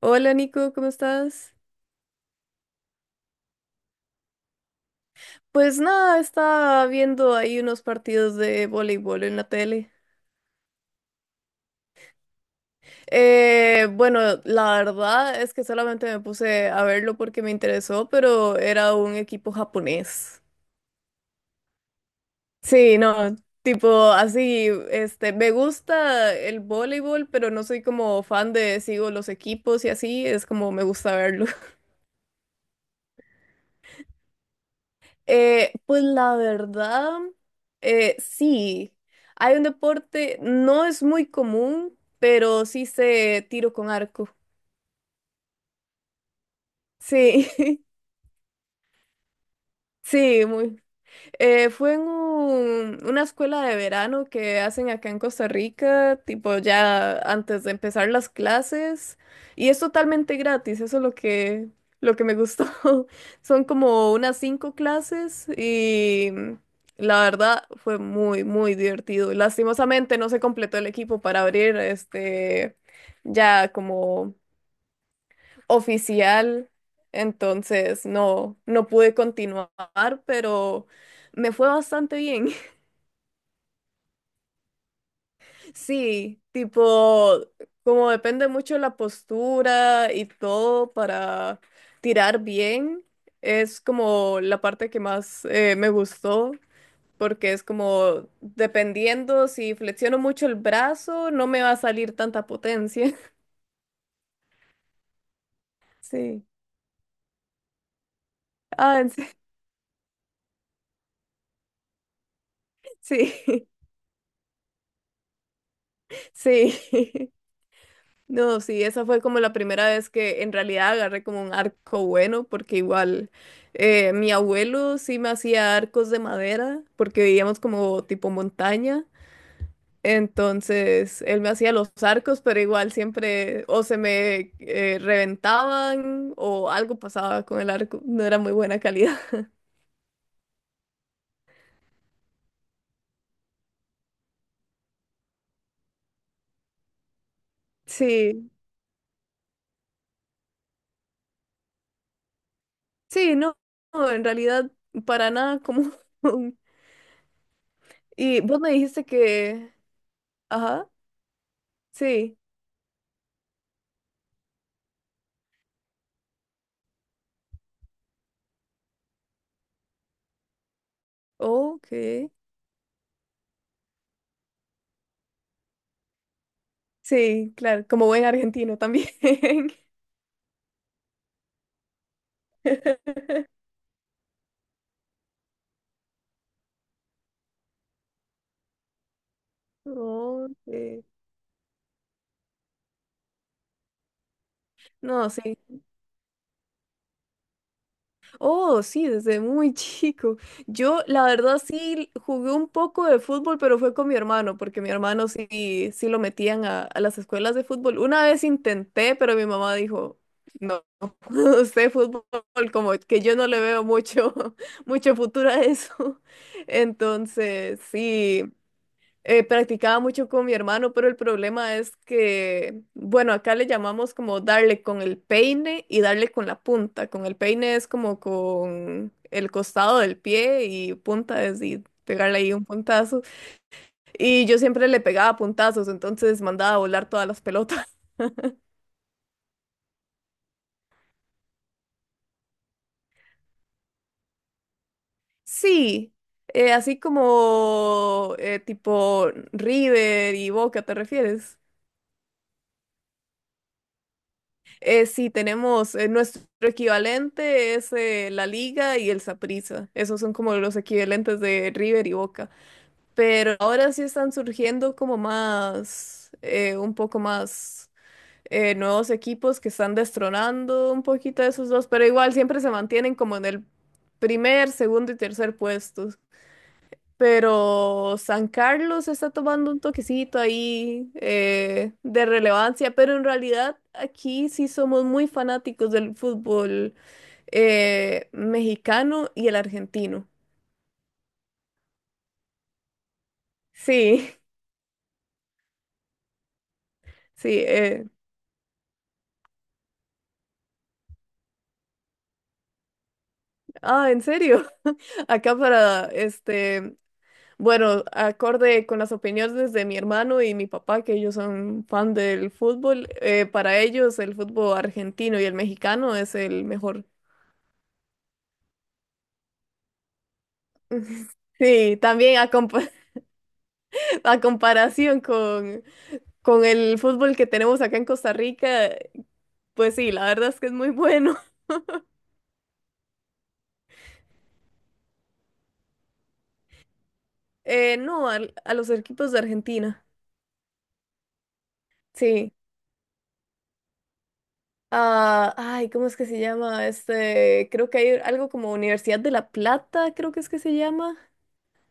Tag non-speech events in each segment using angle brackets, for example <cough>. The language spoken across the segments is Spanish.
Hola Nico, ¿cómo estás? Pues nada, estaba viendo ahí unos partidos de voleibol en la tele. Eh, bueno, la verdad es que solamente me puse a verlo porque me interesó, pero era un equipo japonés. Sí, no, tipo así, me gusta el voleibol, pero no soy como fan de sigo los equipos y así, es como me gusta verlo. Pues la verdad, sí, hay un deporte, no es muy común, pero sí sé tiro con arco. Sí, <laughs> sí, muy, fue en una escuela de verano que hacen acá en Costa Rica, tipo ya antes de empezar las clases, y es totalmente gratis, eso es lo que me gustó. <laughs> Son como unas 5 clases y la verdad fue muy, muy divertido. Lastimosamente no se completó el equipo para abrir este ya como oficial, entonces no pude continuar, pero me fue bastante bien. <laughs> Sí, tipo, como depende mucho de la postura y todo para tirar bien, es como la parte que más me gustó. Porque es como, dependiendo si flexiono mucho el brazo, no me va a salir tanta potencia. <laughs> Sí. Ah, en se- <laughs> sí, <laughs> sí. No, sí, esa fue como la primera vez que en realidad agarré como un arco bueno, porque igual mi abuelo sí me hacía arcos de madera, porque vivíamos como tipo montaña, entonces él me hacía los arcos, pero igual siempre o se me reventaban o algo pasaba con el arco, no era muy buena calidad. <laughs> Sí, sí, no, no, en realidad para nada como... <laughs> un- Y vos me dijiste que... Ajá, sí, ok. Sí, claro, como buen argentino también. <laughs> Oh, sí. No, sí. Oh, sí, desde muy <laughs> chico. Yo, la verdad, sí jugué un poco de fútbol, pero fue con mi hermano, porque mi hermano sí, sí lo metían a las escuelas de fútbol. Una vez intenté, pero mi mamá dijo, no, <laughs> usted fútbol, como que yo no le veo mucho, <laughs> mucho futuro a eso. <laughs> Entonces, sí. Practicaba mucho con mi hermano, pero el problema es que, bueno, acá le llamamos como darle con el peine y darle con la punta. Con el peine es como con el costado del pie y punta es y pegarle ahí un puntazo. Y yo siempre le pegaba puntazos, entonces mandaba a volar todas las pelotas. <laughs> Sí, así como tipo River y Boca, ¿te refieres? Sí, tenemos nuestro equivalente es la Liga y el Saprissa. Esos son como los equivalentes de River y Boca. Pero ahora sí están surgiendo como más, un poco más nuevos equipos que están destronando un poquito a esos dos, pero igual siempre se mantienen como en el primer, segundo y tercer puesto. Pero San Carlos está tomando un toquecito ahí de relevancia, pero en realidad aquí sí somos muy fanáticos del fútbol mexicano y el argentino. Sí, <laughs> sí. Ah, ¿en serio? <laughs> Acá para, bueno, acorde con las opiniones de mi hermano y mi papá, que ellos son fan del fútbol, para ellos el fútbol argentino y el mexicano es el mejor. <laughs> Sí, también a, compa- <laughs> a comparación con el fútbol que tenemos acá en Costa Rica, pues sí, la verdad es que es muy bueno. <laughs> No, a, los equipos de Argentina, sí. Ah, ay, ¿cómo es que se llama? Este, creo que hay algo como Universidad de La Plata, creo que es que se llama.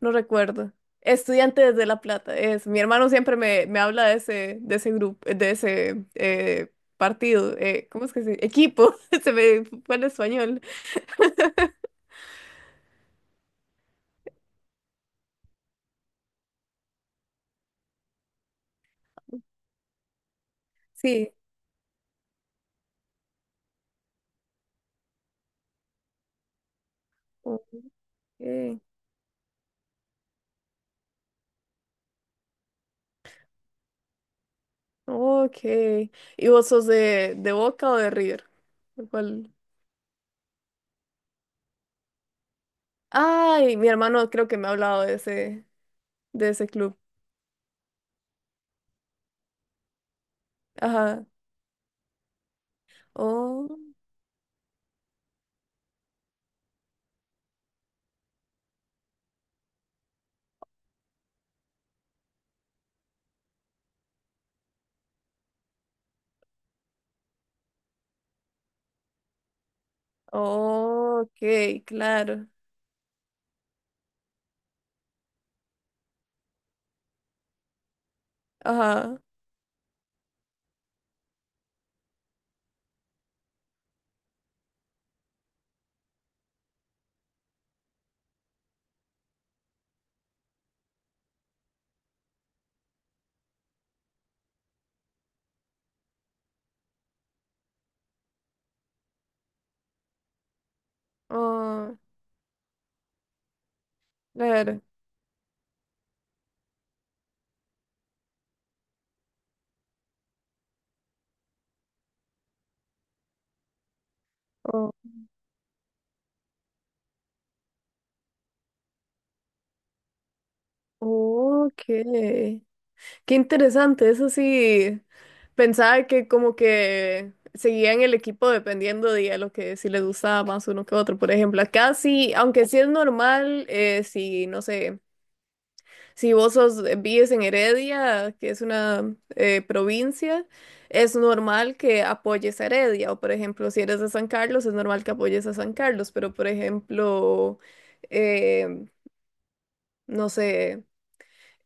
No recuerdo. Estudiantes de La Plata, es. Mi hermano siempre me habla de ese grupo, de ese partido. ¿Cómo es que se? Equipo, <laughs> se me fue el español. Sí. Ok. Ok. ¿Y vos sos de Boca o de River? ¿De cuál? Ay, mi hermano creo que me ha hablado de ese club. Ajá. Oh, ok, claro. Ajá. Oh, claro. Oh, ok. Qué interesante, eso sí, pensaba que como que seguían el equipo dependiendo de a lo que si les gustaba más uno que otro. Por ejemplo, acá sí, aunque sí es normal, si no sé, si vos sos, vives en Heredia, que es una provincia, es normal que apoyes a Heredia. O por ejemplo, si eres de San Carlos, es normal que apoyes a San Carlos. Pero por ejemplo, eh, no sé.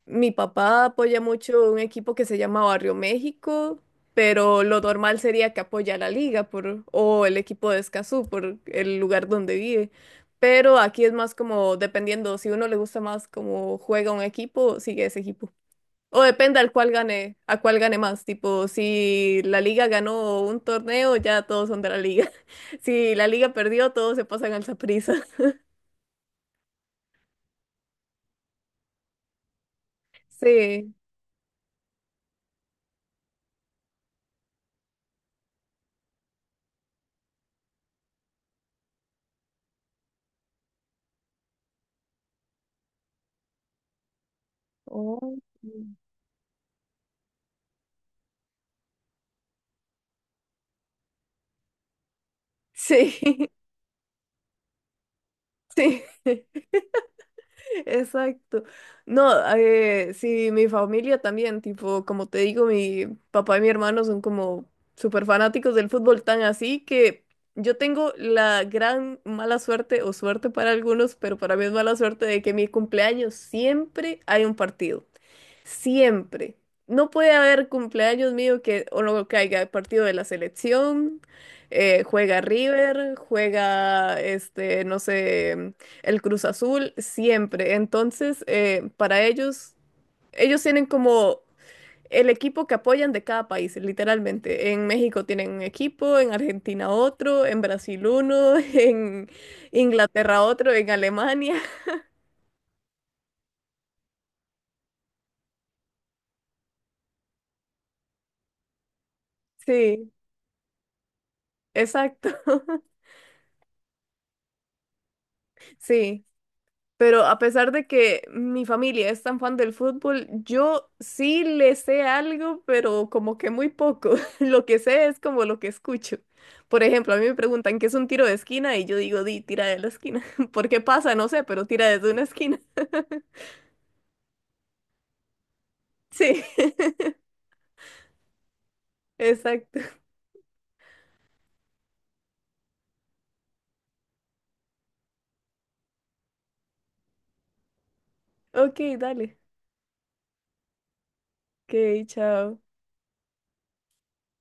Mi papá apoya mucho un equipo que se llama Barrio México, pero lo normal sería que apoya la liga por, o el equipo de Escazú por el lugar donde vive. Pero aquí es más como dependiendo, si uno le gusta más como juega un equipo, sigue ese equipo. O depende al cual gane, a cuál gane más. Tipo, si la liga ganó un torneo, ya todos son de la liga. <laughs> Si la liga perdió, todos se pasan al Saprissa. Sí. Oh. Sí. <laughs> Exacto. No, sí, mi familia también, tipo, como te digo, mi papá y mi hermano son como súper fanáticos del fútbol, tan así que yo tengo la gran mala suerte, o suerte para algunos, pero para mí es mala suerte de que mi cumpleaños siempre hay un partido. Siempre. No puede haber cumpleaños mío que o no caiga partido de la selección, juega River, juega no sé, el Cruz Azul, siempre. Entonces, para ellos, ellos tienen como el equipo que apoyan de cada país, literalmente. En México tienen un equipo, en Argentina otro, en Brasil uno, <laughs> en Inglaterra otro, en Alemania. <laughs> Sí, exacto. <laughs> Sí. Pero a pesar de que mi familia es tan fan del fútbol, yo sí le sé algo, pero como que muy poco. <laughs> Lo que sé es como lo que escucho. Por ejemplo, a mí me preguntan qué es un tiro de esquina y yo digo, di, tira de la esquina. <laughs> ¿Por qué pasa? No sé, pero tira desde una esquina. <laughs> Sí, <laughs> exacto. Ok, dale. Ok, chao.